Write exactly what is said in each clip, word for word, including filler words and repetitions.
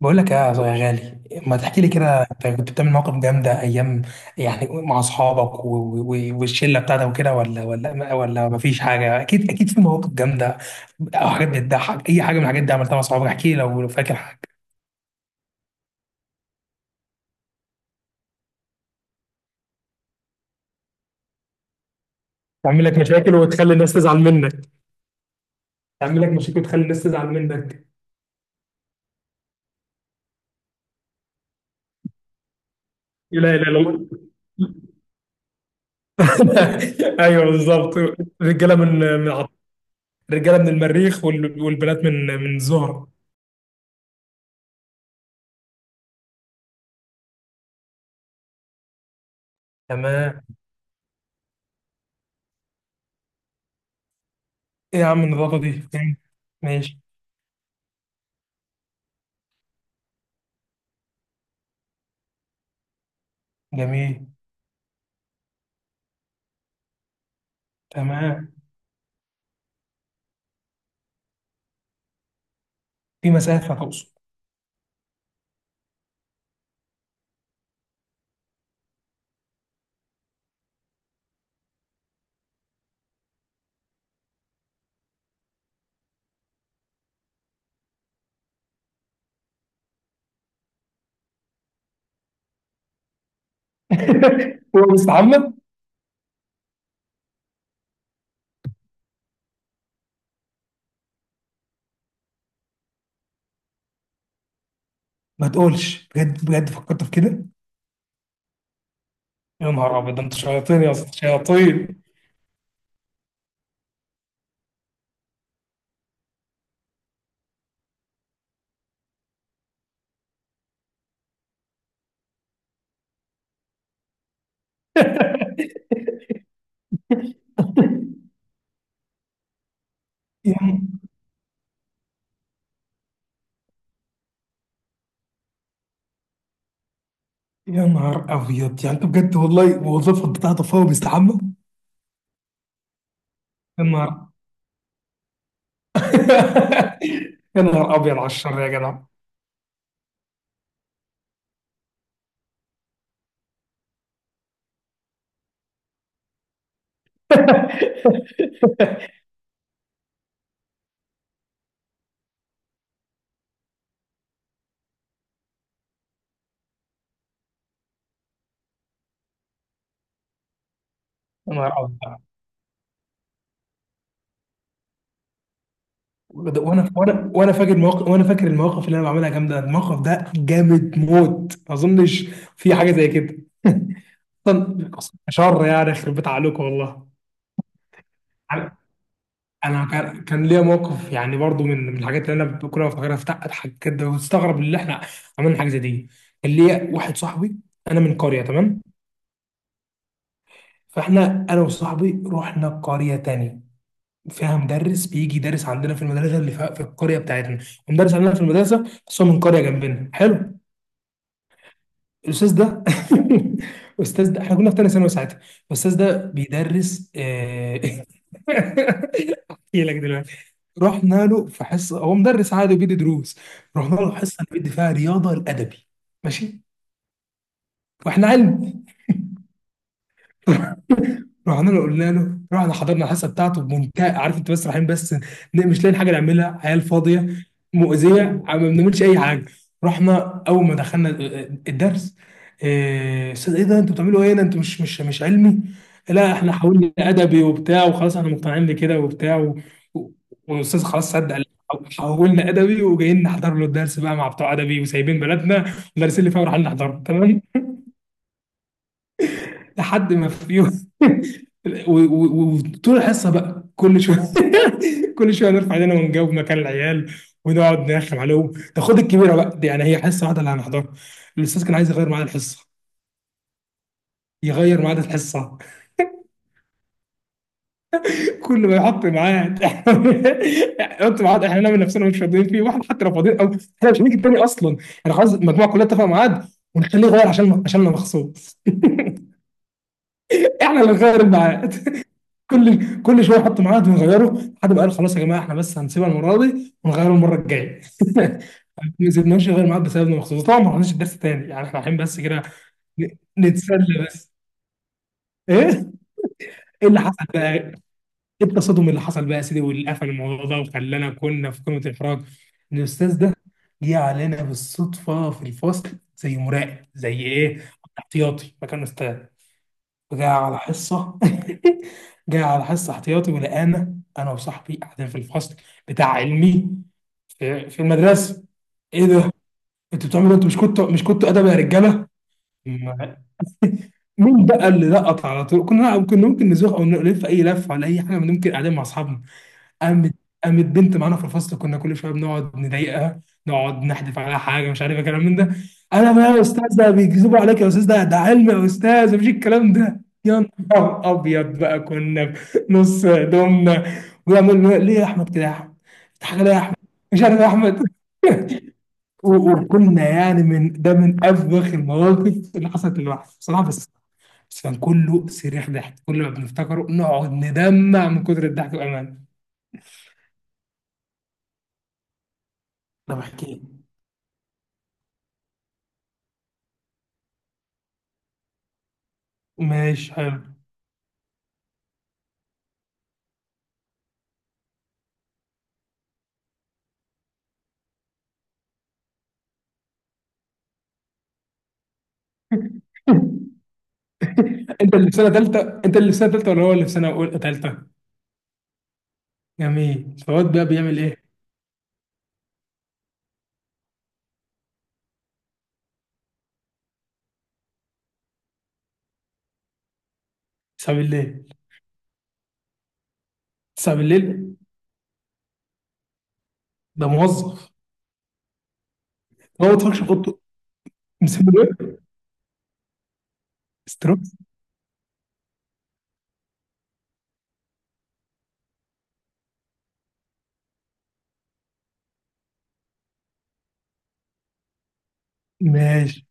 بقول لك يا يا غالي، ما تحكي لي كده؟ انت كنت بتعمل مواقف جامده ايام، يعني مع اصحابك و- و- والشله بتاعتك وكده؟ ولا ولا ولا ما فيش حاجه؟ اكيد اكيد في مواقف جامده او حاجات بتضحك. اي حاجه من الحاجات دي عملتها مع اصحابك احكي لي، لو لو فاكر حاجه. تعمل لك مشاكل وتخلي الناس تزعل منك. تعمل لك مشاكل وتخلي الناس تزعل منك. لا، لا، لا. ايوه بالظبط. رجاله من من عط- رجاله من المريخ، وال- والبنات من من الزهره. تمام. ايه يا عم النظافه دي؟ ماشي. جميل. تمام. في مسافة تقصد؟ هو مستعمم؟ ما تقولش، بجد بجد فكرت في كده؟ يا نهار ابيض، ده انت شياطين يا اسطى، شياطين. يا يا نهار ابيض، يعني انت بجد والله؟ وظيفة بتاعته، فهو بيستحمى. يا نهار. يا نهار ابيض على الشر يا جدع. يا نهار ابيض. وده- وانا وانا وانا فاكر المواقف، وانا فاكر المواقف اللي انا بعملها جامده، الموقف ده جامد موت، ما اظنش في حاجه زي كده. اصلا شر يعني، يخرب بيت عليكم والله. انا كان كان ليا موقف، يعني برضو من من الحاجات اللي انا كل ما افتكرها أفت- اضحك كده واستغرب اللي احنا عملنا حاجه زي دي. كان ليا واحد صاحبي، انا من قريه، تمام؟ فاحنا انا وصاحبي رحنا قريه تاني فيها مدرس بيجي يدرس عندنا في المدرسه، اللي في في القريه بتاعتنا. المدرس عندنا في المدرسه بس هو من قريه جنبنا، حلو. الاستاذ ده، الاستاذ ده احنا كنا في تاني ثانوي ساعتها، الاستاذ ده بيدرس، آه، احكي لك دلوقتي. رحنا له في حصه، هو مدرس عادي وبيدي دروس. رحنا له حصه بيدي فيها رياضه الادبي، ماشي، واحنا علم. رحنا له قلنا له، رحنا حضرنا الحصه بتاعته بمنتهى، عارف انت، بس رايحين بس ن- مش لاقيين حاجه نعملها، عيال فاضيه مؤذيه، عم- ما بنعملش اي حاجه. رحنا اول ما دخلنا الدرس: إيه، استاذ ايه ده؟ انتوا بتعملوا ايه هنا؟ انتوا مش مش مش علمي؟ لا احنا حاولنا ادبي وبتاع وخلاص احنا مقتنعين بكده وبتاع و- و- والاستاذ خلاص صدق، قال حولنا ادبي، وجايين نحضر له الدرس بقى مع بتوع ادبي، وسايبين بلدنا المدرسين اللي فيها ورايحين نحضره، تمام. لحد ما في يوم، و- و- وطول الحصه بقى كل شويه كل شويه نرفع ايدينا ونجاوب مكان العيال، ونقعد نرخم عليهم. ده خد الكبيره بقى دي، يعني هي حصه واحده اللي هنحضرها. الاستاذ كان عايز يغير ميعاد الحصه، يغير ميعاد الحصه. كل ما يحط ميعاد يحط ميعاد احنا نعمل نفسنا مش فاضيين فيه، واحد حتى لو فاضيين، او احنا مش هنيجي تاني اصلا، احنا خلاص المجموعه كلها اتفق ميعاد، ونخليه يغير عشان عشان انا مخصوص. احنا اللي نغير الميعاد، كل كل شويه نحط ميعاد ونغيره، لحد ما قال خلاص يا جماعه، احنا بس هنسيبها المره دي ونغيره المره الجايه. ما سيبناش نغير ميعاد بسببنا مخصوص. طبعا ما حضرناش الدرس تاني، يعني احنا رايحين بس كده ن- نتسلى بس. ايه، ايه اللي حصل بقى؟ ايه التصادم اللي حصل بقى يا سيدي، واللي قفل الموضوع ده وخلانا كنا في قمه الاحراج؟ إن الاستاذ ده جه علينا بالصدفه في الفصل زي مراقب، زي ايه، احتياطي مكان استاذ، وجاي على حصة، جاي على حصة احتياطي ولقانا أنا وصاحبي قاعدين في الفصل بتاع علمي في, في المدرسة. إيه ده؟ أنتوا بتعملوا إيه؟ أنتوا مش كنتوا، مش كنتوا أدب يا رجالة؟ ما- مين بقى اللي لقط على طول؟ كنا كنا ممكن نزوق أو نلف أي لفة ولا أي حاجة، ممكن قاعدين مع أصحابنا. قامت قامت بنت معانا في الفصل كنا كل شويه بنقعد نضايقها، نقعد نحدف عليها حاجه مش عارف ايه، كلام من ده. انا بقى: يا استاذ ده بيكذبوا عليك، يا استاذ ده ده علم، يا استاذ مفيش الكلام ده. يا نهار ابيض بقى، كنا في نص هدومنا، ويعمل ليه يا احمد كده؟ يا احمد حاجه ليه يا احمد؟ مش عارف يا احمد. و- وكنا يعني من ده من افوخ المواقف اللي حصلت للواحد بصراحه، بس بس كان كله صريخ ضحك، كل ما بنفتكره نقعد ندمع من كتر الضحك بامانه. طب احكي لي. ماشي، حلو. انت اللي في سنه ثالثه؟ انت اللي في سنه ثالثه ولا هو اللي في سنه اولى، ثالثه؟ جميل، فواد بقى بيعمل ايه؟ التاسعه بالليل؟ تسعه بالليل ده موظف. هو ما بيتفرجش في اوضته؟ مسمي ايه؟ ستروكس. ماشي.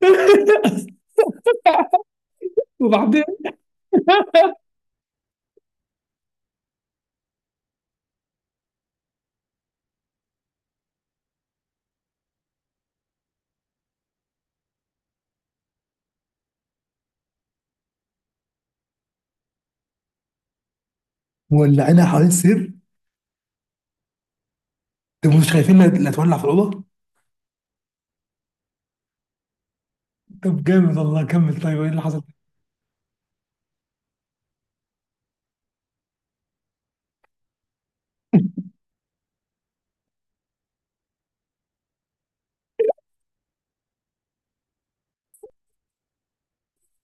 وبعدين؟ مولعينها حوالين السرير؟ طب مش خايفين انها اللي هتولع في الاوضه؟ طب جامد والله، كمل، طيب ايه اللي حصل؟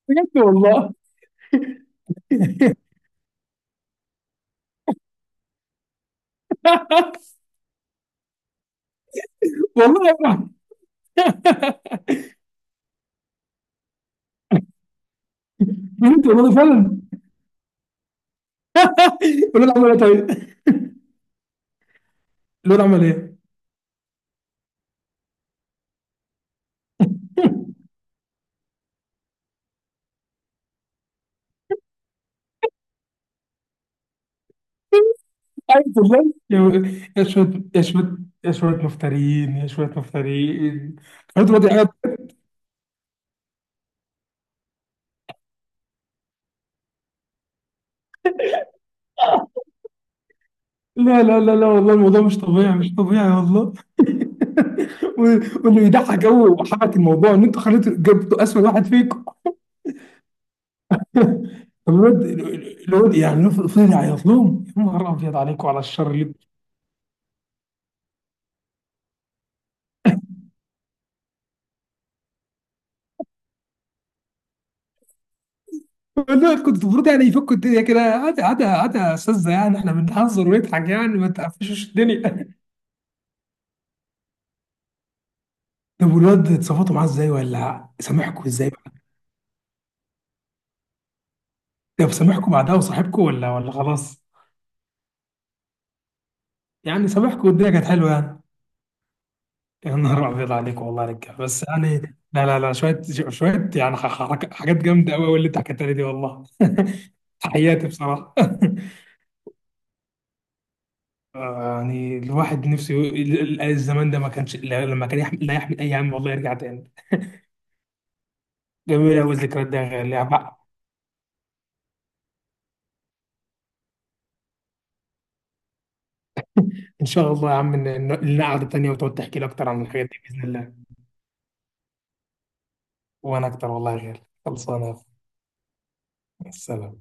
بجد والله. والله يا ابني. بجد والله، فعلا. الولد عمل ايه طيب؟ الولد عمل ايه؟ أعوذ بالله، يا يا شوية، يا شوية، يا شوية مفترين، يا شوية مفترين. حد وضع قاعد. لا، لا لا لا والله الموضوع مش طبيعي، مش طبيعي والله. و- واللي يضحك قوي وحبك الموضوع ان انتوا خليتوا، جبتوا اسود واحد فيكم. طب الواد، الواد يعني فضل يعيط لهم؟ يا نهار ابيض عليكم على الشر اللي. والله كنت المفروض يعني يفكوا الدنيا كده، عادي عادي عادي يا استاذه، يعني احنا بنهزر ونضحك، يعني ما تقفشوش الدنيا. طب والواد اتصرفتوا معاه ازاي ولا سامحكوا ازاي؟ طب سامحكوا بعدها وصاحبكم ولا ولا خلاص؟ يعني سامحكوا والدنيا كانت حلوه يعني؟ يا نهار ابيض عليك والله يا رجاله، بس يعني لا، لا، لا، شويه، شويه يعني ح- ح- حاجات جامده قوي قوي اللي انت حكيتها لي دي والله. تحياتي بصراحه. آه، يعني الواحد نفسه ي- ال- ال- الزمان ده ما كانش لا- لما كان يحمل، لا يحمل اي هم، والله يرجع تاني. جميل قوي الذكريات دي يا غالي. يعني بقى ان شاء الله يا عم، إن- إن- لنا قعده تانيه وتقعد تحكي لي اكتر عن الحاجات دي باذن الله. وانا اكتر والله يا غالي. خلصانه يا أخوي. السلام.